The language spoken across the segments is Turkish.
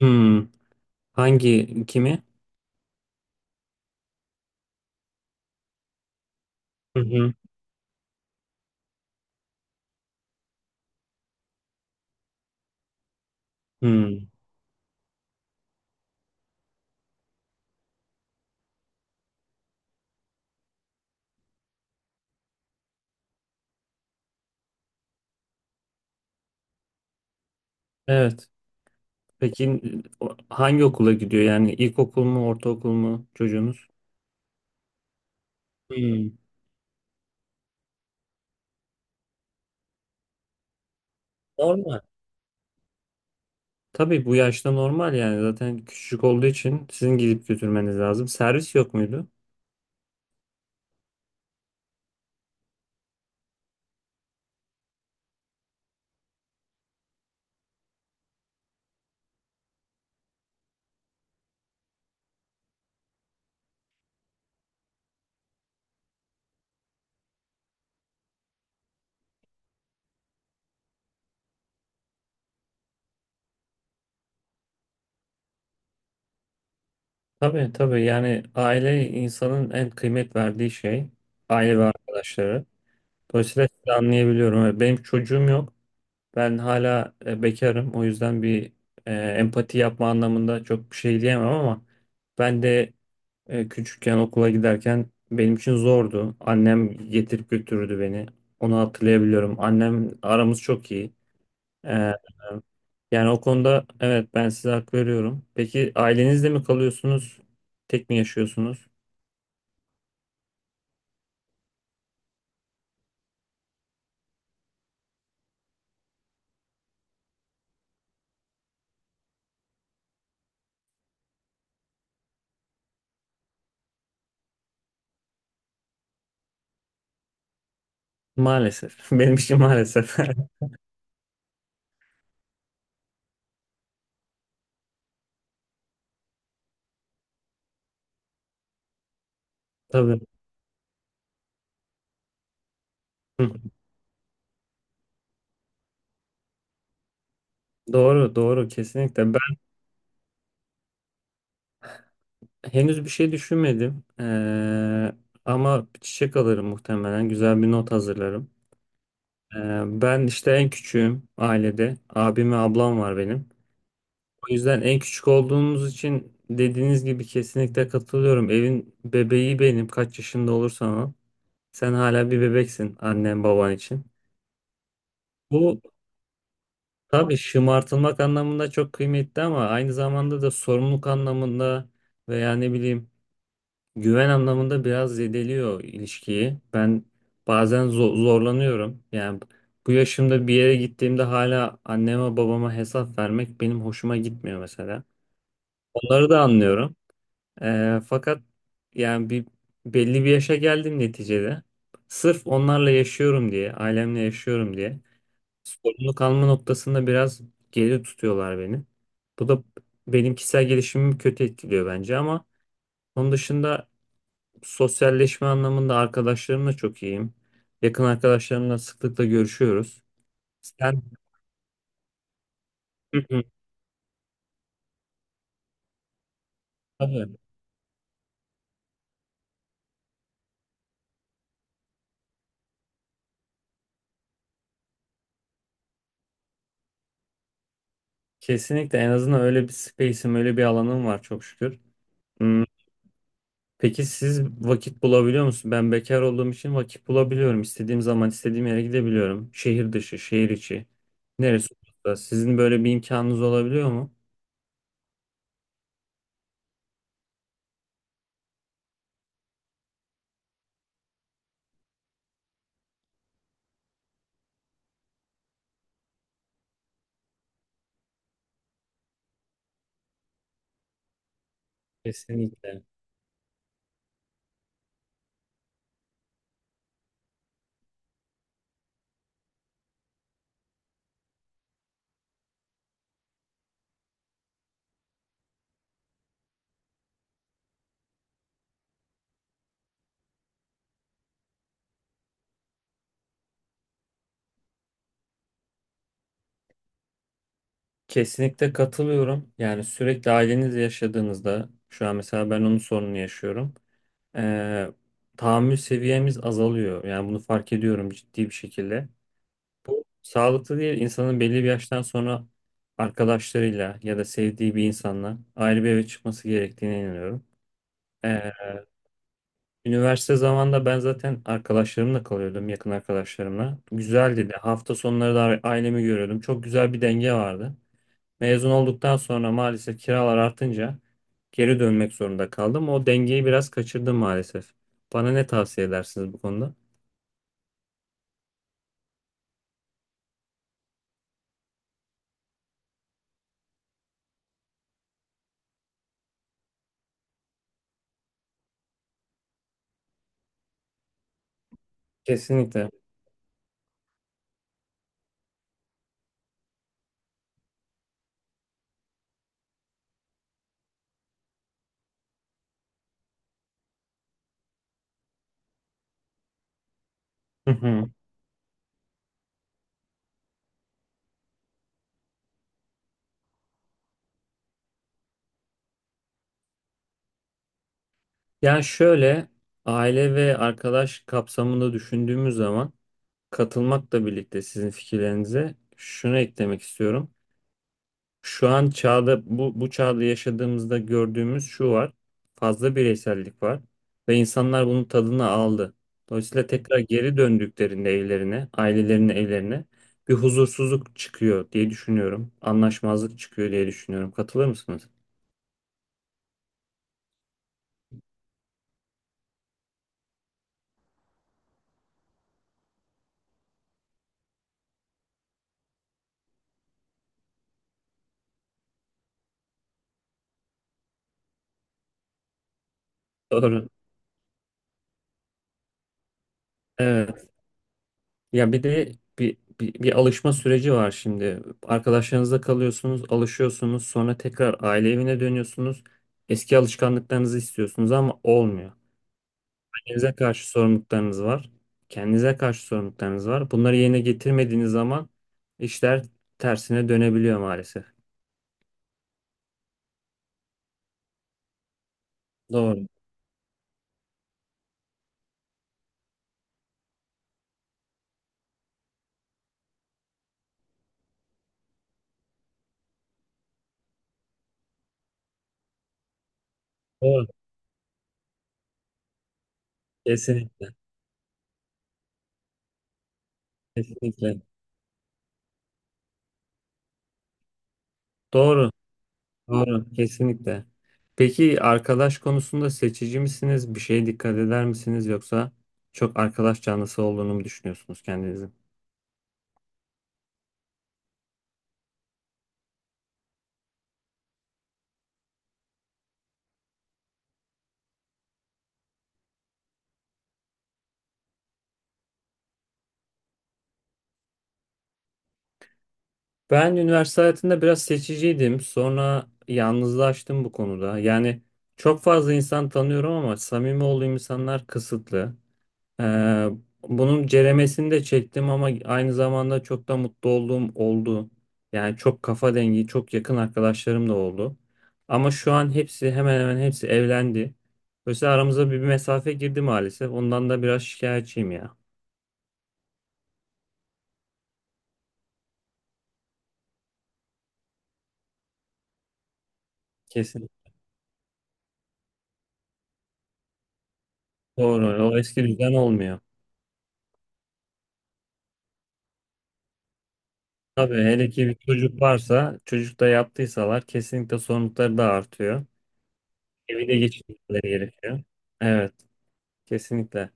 Hmm, hangi kimi? Hı hı. Hmm, evet. Peki hangi okula gidiyor? Yani ilkokul mu, ortaokul mu çocuğunuz? Hmm, normal. Tabii bu yaşta normal yani zaten küçük olduğu için sizin gidip götürmeniz lazım. Servis yok muydu? Tabii tabii yani aile insanın en kıymet verdiği şey. Aile ve arkadaşları. Dolayısıyla sizi anlayabiliyorum. Benim çocuğum yok. Ben hala bekarım. O yüzden bir empati yapma anlamında çok bir şey diyemem ama ben de küçükken okula giderken benim için zordu. Annem getirip götürürdü beni. Onu hatırlayabiliyorum. Annem aramız çok iyi. E, Yani o konuda evet ben size hak veriyorum. Peki ailenizle mi kalıyorsunuz? Tek mi yaşıyorsunuz? Maalesef. Benim için maalesef. Tabii. Hı. Doğru, doğru, kesinlikle. Henüz bir şey düşünmedim. Ama bir çiçek alırım muhtemelen. Güzel bir not hazırlarım. Ben işte en küçüğüm ailede. Abim ve ablam var benim. O yüzden en küçük olduğumuz için dediğiniz gibi kesinlikle katılıyorum. Evin bebeği benim. Kaç yaşında olursan ol. Sen hala bir bebeksin annen baban için. Bu tabii şımartılmak anlamında çok kıymetli ama aynı zamanda da sorumluluk anlamında veya ne bileyim güven anlamında biraz zedeliyor ilişkiyi. Ben bazen zorlanıyorum. Yani bu yaşımda bir yere gittiğimde hala anneme babama hesap vermek benim hoşuma gitmiyor mesela. Onları da anlıyorum. Fakat yani bir belli bir yaşa geldim neticede. Sırf onlarla yaşıyorum diye, ailemle yaşıyorum diye sorumluluk alma noktasında biraz geri tutuyorlar beni. Bu da benim kişisel gelişimimi kötü etkiliyor bence ama onun dışında sosyalleşme anlamında arkadaşlarımla çok iyiyim. Yakın arkadaşlarımla sıklıkla görüşüyoruz. Sen. Hı hı, tabii. Kesinlikle en azından öyle bir space'im, öyle bir alanım var çok şükür. Hmm, peki siz vakit bulabiliyor musunuz? Ben bekar olduğum için vakit bulabiliyorum. İstediğim zaman istediğim yere gidebiliyorum. Şehir dışı, şehir içi. Neresi olursa. Sizin böyle bir imkanınız olabiliyor mu? Kesinlikle. Kesinlikle katılıyorum. Yani sürekli ailenizle yaşadığınızda şu an mesela ben onun sorununu yaşıyorum. e, Tahammül seviyemiz azalıyor. Yani bunu fark ediyorum ciddi bir şekilde. Bu sağlıklı değil. İnsanın belli bir yaştan sonra arkadaşlarıyla ya da sevdiği bir insanla ayrı bir eve çıkması gerektiğine inanıyorum. E, Üniversite zamanında ben zaten arkadaşlarımla kalıyordum, yakın arkadaşlarımla. Güzeldi de hafta sonları da ailemi görüyordum. Çok güzel bir denge vardı. Mezun olduktan sonra maalesef kiralar artınca geri dönmek zorunda kaldım. O dengeyi biraz kaçırdım maalesef. Bana ne tavsiye edersiniz bu konuda? Kesinlikle. Hı hı. Yani şöyle, aile ve arkadaş kapsamında düşündüğümüz zaman katılmakla birlikte sizin fikirlerinize şunu eklemek istiyorum. Şu an çağda bu çağda yaşadığımızda gördüğümüz şu var. Fazla bireysellik var ve insanlar bunun tadını aldı. Dolayısıyla tekrar geri döndüklerinde evlerine, ailelerinin evlerine bir huzursuzluk çıkıyor diye düşünüyorum. Anlaşmazlık çıkıyor diye düşünüyorum. Katılır mısınız? Doğru. Evet. Ya bir de bir alışma süreci var şimdi. Arkadaşlarınızla kalıyorsunuz, alışıyorsunuz, sonra tekrar aile evine dönüyorsunuz. Eski alışkanlıklarınızı istiyorsunuz ama olmuyor. Kendinize karşı sorumluluklarınız var. Kendinize karşı sorumluluklarınız var. Bunları yerine getirmediğiniz zaman işler tersine dönebiliyor maalesef. Doğru. Doğru. Kesinlikle. Kesinlikle. Doğru. Doğru. Kesinlikle. Peki arkadaş konusunda seçici misiniz? Bir şeye dikkat eder misiniz? Yoksa çok arkadaş canlısı olduğunu mu düşünüyorsunuz kendinizi? Ben üniversite hayatında biraz seçiciydim. Sonra yalnızlaştım bu konuda. Yani çok fazla insan tanıyorum ama samimi olduğum insanlar kısıtlı. Ee, Bunun ceremesini de çektim ama aynı zamanda çok da mutlu olduğum oldu. Yani çok kafa dengi, çok yakın arkadaşlarım da oldu. Ama şu an hepsi, hemen hemen hepsi evlendi. Dolayısıyla aramıza bir mesafe girdi maalesef. Ondan da biraz şikayetçiyim ya. Kesin. Doğru. O eski düzen olmuyor. Tabii hele ki bir çocuk varsa, çocuk da yaptıysalar kesinlikle sorumlulukları da artıyor. Evi de geçirmeleri gerekiyor. Evet, kesinlikle.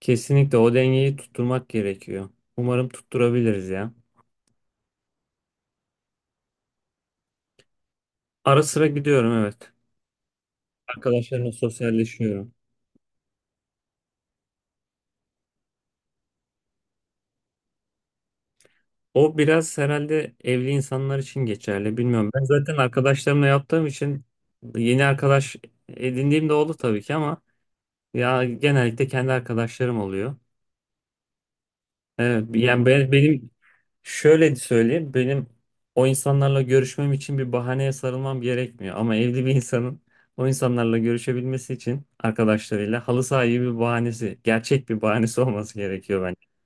Kesinlikle o dengeyi tutturmak gerekiyor. Umarım tutturabiliriz ya. Ara sıra gidiyorum, evet. Arkadaşlarımla sosyalleşiyorum. O biraz herhalde evli insanlar için geçerli. Bilmiyorum. Ben zaten arkadaşlarımla yaptığım için yeni arkadaş edindiğim de oldu tabii ki ama ya genellikle kendi arkadaşlarım oluyor. Evet, yani benim şöyle söyleyeyim, benim o insanlarla görüşmem için bir bahaneye sarılmam gerekmiyor ama evli bir insanın o insanlarla görüşebilmesi için arkadaşlarıyla halı saha gibi bir bahanesi, gerçek bir bahanesi olması gerekiyor bence.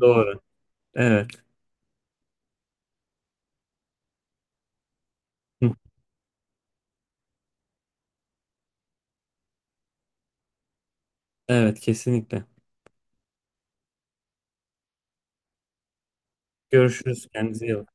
Doğru. Evet. Hı. Evet, kesinlikle. Görüşürüz. Kendinize iyi bakın.